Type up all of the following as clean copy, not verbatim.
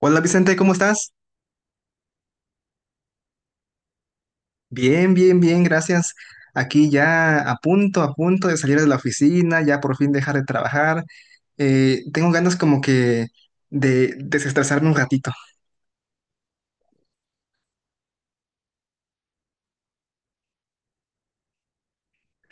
Hola Vicente, ¿cómo estás? Bien, bien, bien, gracias. Aquí ya a punto de salir de la oficina, ya por fin dejar de trabajar. Tengo ganas como que de desestresarme un ratito.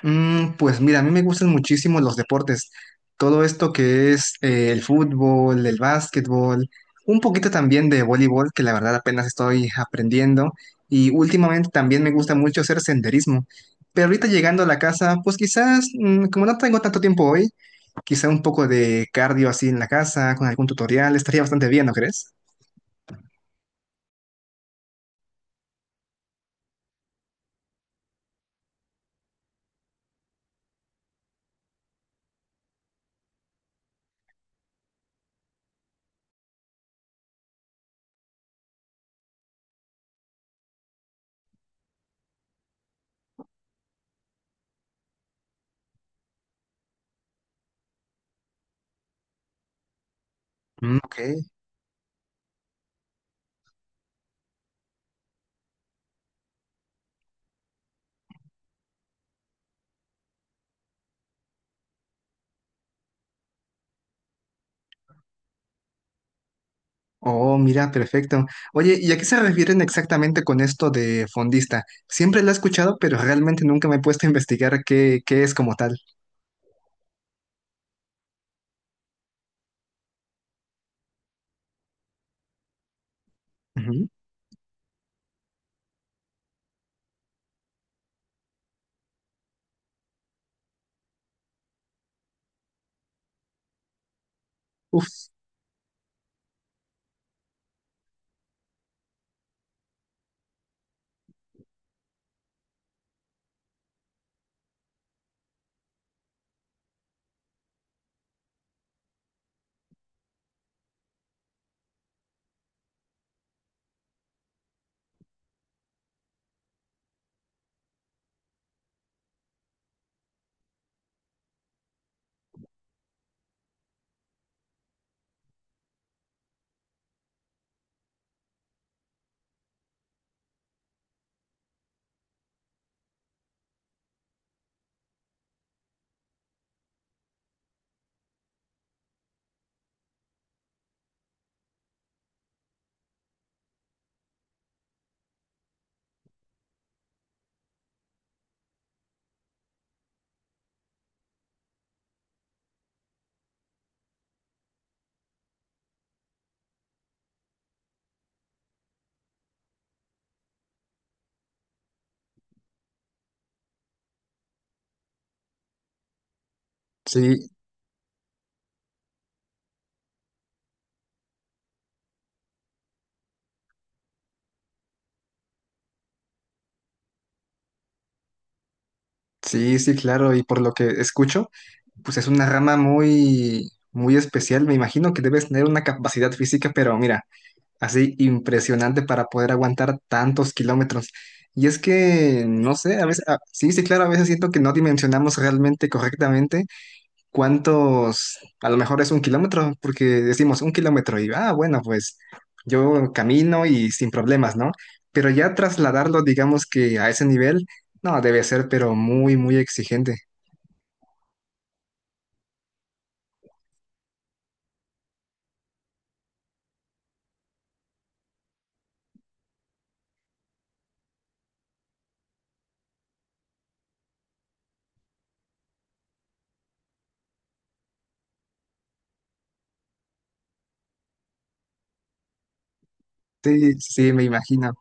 Pues mira, a mí me gustan muchísimo los deportes. Todo esto que es el fútbol, el básquetbol, un poquito también de voleibol, que la verdad apenas estoy aprendiendo. Y últimamente también me gusta mucho hacer senderismo. Pero ahorita llegando a la casa, pues quizás, como no tengo tanto tiempo hoy, quizá un poco de cardio así en la casa, con algún tutorial, estaría bastante bien, ¿no crees? Mm, ok. Oh, mira, perfecto. Oye, ¿y a qué se refieren exactamente con esto de fondista? Siempre lo he escuchado, pero realmente nunca me he puesto a investigar qué es como tal. Ujú. Uf, sí, sí, sí, claro. Y por lo que escucho, pues es una rama muy, muy especial. Me imagino que debes tener una capacidad física, pero mira, así impresionante para poder aguantar tantos kilómetros. Y es que, no sé, a veces, sí, sí, claro, a veces siento que no dimensionamos realmente correctamente cuántos, a lo mejor es un kilómetro, porque decimos un kilómetro y, ah, bueno, pues yo camino y sin problemas, ¿no? Pero ya trasladarlo, digamos que a ese nivel, no, debe ser, pero muy, muy exigente. Sí, sí, me imagino.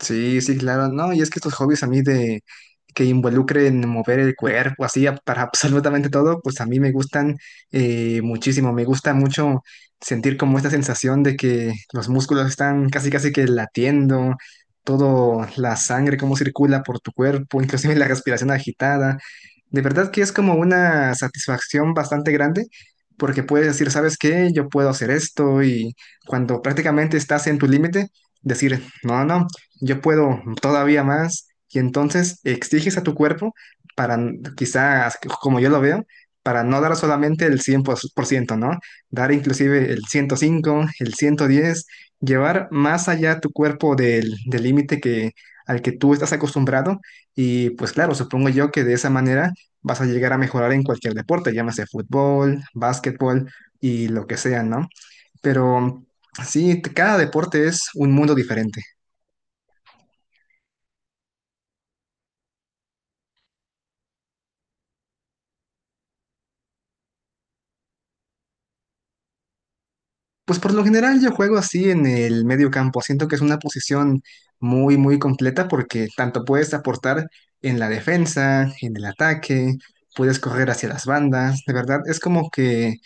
Sí, sí, claro, no, y es que estos hobbies a mí de que involucren mover el cuerpo, así para absolutamente todo, pues a mí me gustan muchísimo, me gusta mucho sentir como esta sensación de que los músculos están casi casi que latiendo, todo la sangre cómo circula por tu cuerpo, inclusive la respiración agitada, de verdad que es como una satisfacción bastante grande porque puedes decir, ¿sabes qué? Yo puedo hacer esto y cuando prácticamente estás en tu límite, decir, no, no, yo puedo todavía más y entonces exiges a tu cuerpo para, quizás, como yo lo veo, para no dar solamente el 100%, ¿no? Dar inclusive el 105, el 110, llevar más allá tu cuerpo del límite que al que tú estás acostumbrado. Y pues claro, supongo yo que de esa manera vas a llegar a mejorar en cualquier deporte, llámese fútbol, básquetbol y lo que sea, ¿no? Pero sí, cada deporte es un mundo diferente. Pues por lo general yo juego así en el medio campo. Siento que es una posición muy, muy completa porque tanto puedes aportar en la defensa, en el ataque, puedes correr hacia las bandas. De verdad, es como que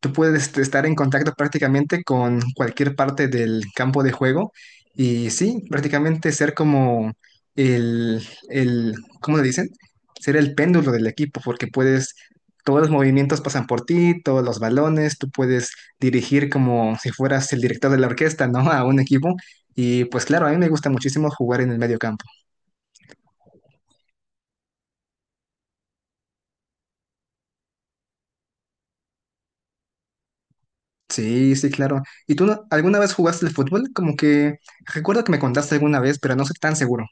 tú puedes estar en contacto prácticamente con cualquier parte del campo de juego y sí, prácticamente ser como el, el, ¿cómo le dicen? Ser el péndulo del equipo porque puedes, todos los movimientos pasan por ti, todos los balones, tú puedes dirigir como si fueras el director de la orquesta, ¿no? A un equipo. Y pues claro, a mí me gusta muchísimo jugar en el medio campo. Sí, sí, claro. ¿Y tú alguna vez jugaste el fútbol? Como que recuerdo que me contaste alguna vez, pero no soy tan seguro.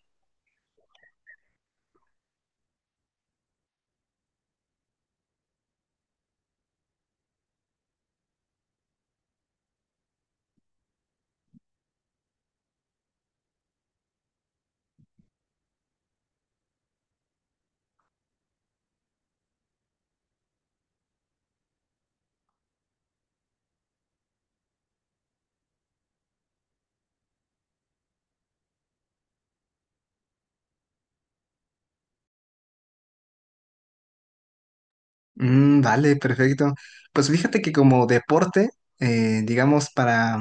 Mm, vale, perfecto. Pues fíjate que como deporte, digamos, para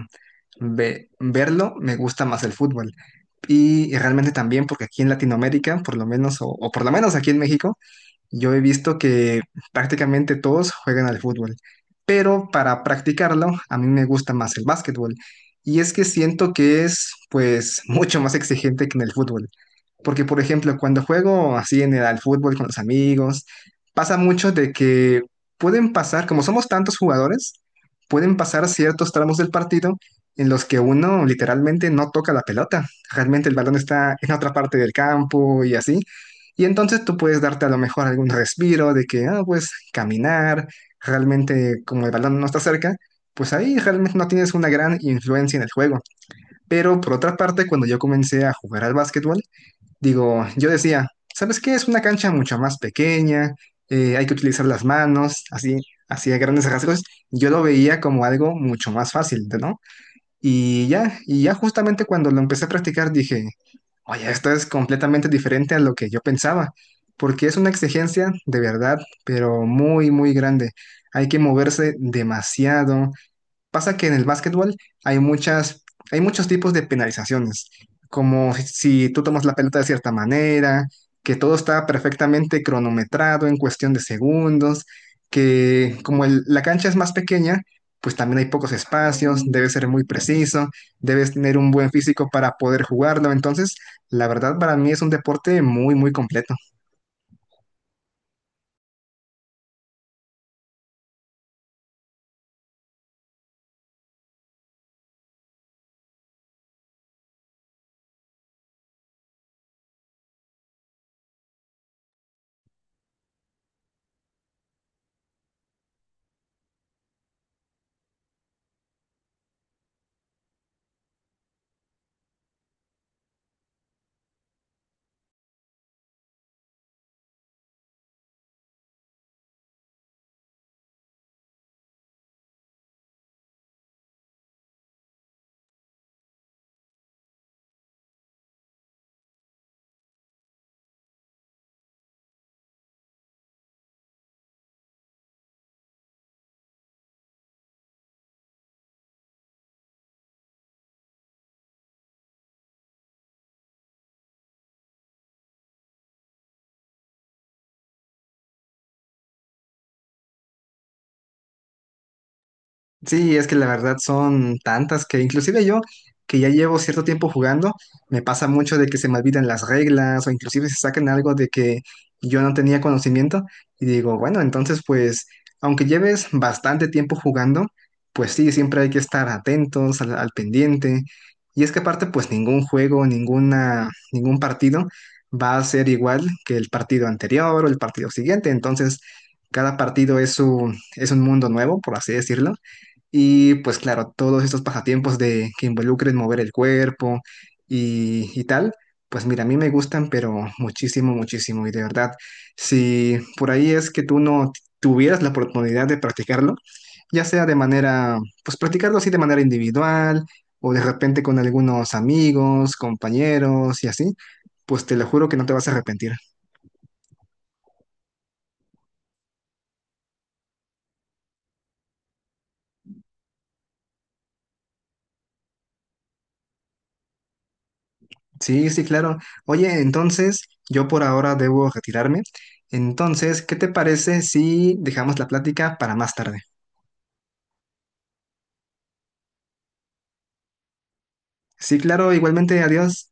verlo, me gusta más el fútbol. Y realmente también porque aquí en Latinoamérica, por lo menos, o por lo menos aquí en México, yo he visto que prácticamente todos juegan al fútbol, pero para practicarlo a mí me gusta más el básquetbol. Y es que siento que es pues mucho más exigente que en el fútbol. Porque por ejemplo, cuando juego así en el al fútbol con los amigos, pasa mucho de que pueden pasar, como somos tantos jugadores, pueden pasar ciertos tramos del partido en los que uno literalmente no toca la pelota. Realmente el balón está en otra parte del campo y así. Y entonces tú puedes darte a lo mejor algún respiro de que, ah, pues caminar, realmente como el balón no está cerca, pues ahí realmente no tienes una gran influencia en el juego. Pero por otra parte, cuando yo comencé a jugar al básquetbol, digo, yo decía, ¿sabes qué? Es una cancha mucho más pequeña, hay que utilizar las manos, así, así a grandes rasgos. Yo lo veía como algo mucho más fácil, ¿no? Y ya justamente cuando lo empecé a practicar dije, oye, esto es completamente diferente a lo que yo pensaba, porque es una exigencia de verdad, pero muy, muy grande. Hay que moverse demasiado. Pasa que en el básquetbol hay muchas, hay muchos tipos de penalizaciones, como si tú tomas la pelota de cierta manera, que todo está perfectamente cronometrado en cuestión de segundos, que como la cancha es más pequeña, pues también hay pocos espacios, debes ser muy preciso, debes tener un buen físico para poder jugarlo. Entonces, la verdad para mí es un deporte muy, muy completo. Sí, es que la verdad son tantas que inclusive yo, que ya llevo cierto tiempo jugando, me pasa mucho de que se me olvidan las reglas o inclusive se sacan algo de que yo no tenía conocimiento y digo, bueno, entonces pues, aunque lleves bastante tiempo jugando, pues sí, siempre hay que estar atentos al pendiente. Y es que aparte pues ningún juego, ningún partido va a ser igual que el partido anterior o el partido siguiente, entonces cada partido es un mundo nuevo, por así decirlo. Y pues claro, todos estos pasatiempos de que involucren mover el cuerpo y tal, pues mira, a mí me gustan, pero muchísimo, muchísimo. Y de verdad, si por ahí es que tú no tuvieras la oportunidad de practicarlo, ya sea de manera, pues practicarlo así de manera individual o de repente con algunos amigos, compañeros y así, pues te lo juro que no te vas a arrepentir. Sí, sí, claro. Oye, entonces yo por ahora debo retirarme. Entonces, ¿qué te parece si dejamos la plática para más tarde? Sí, claro, igualmente, adiós.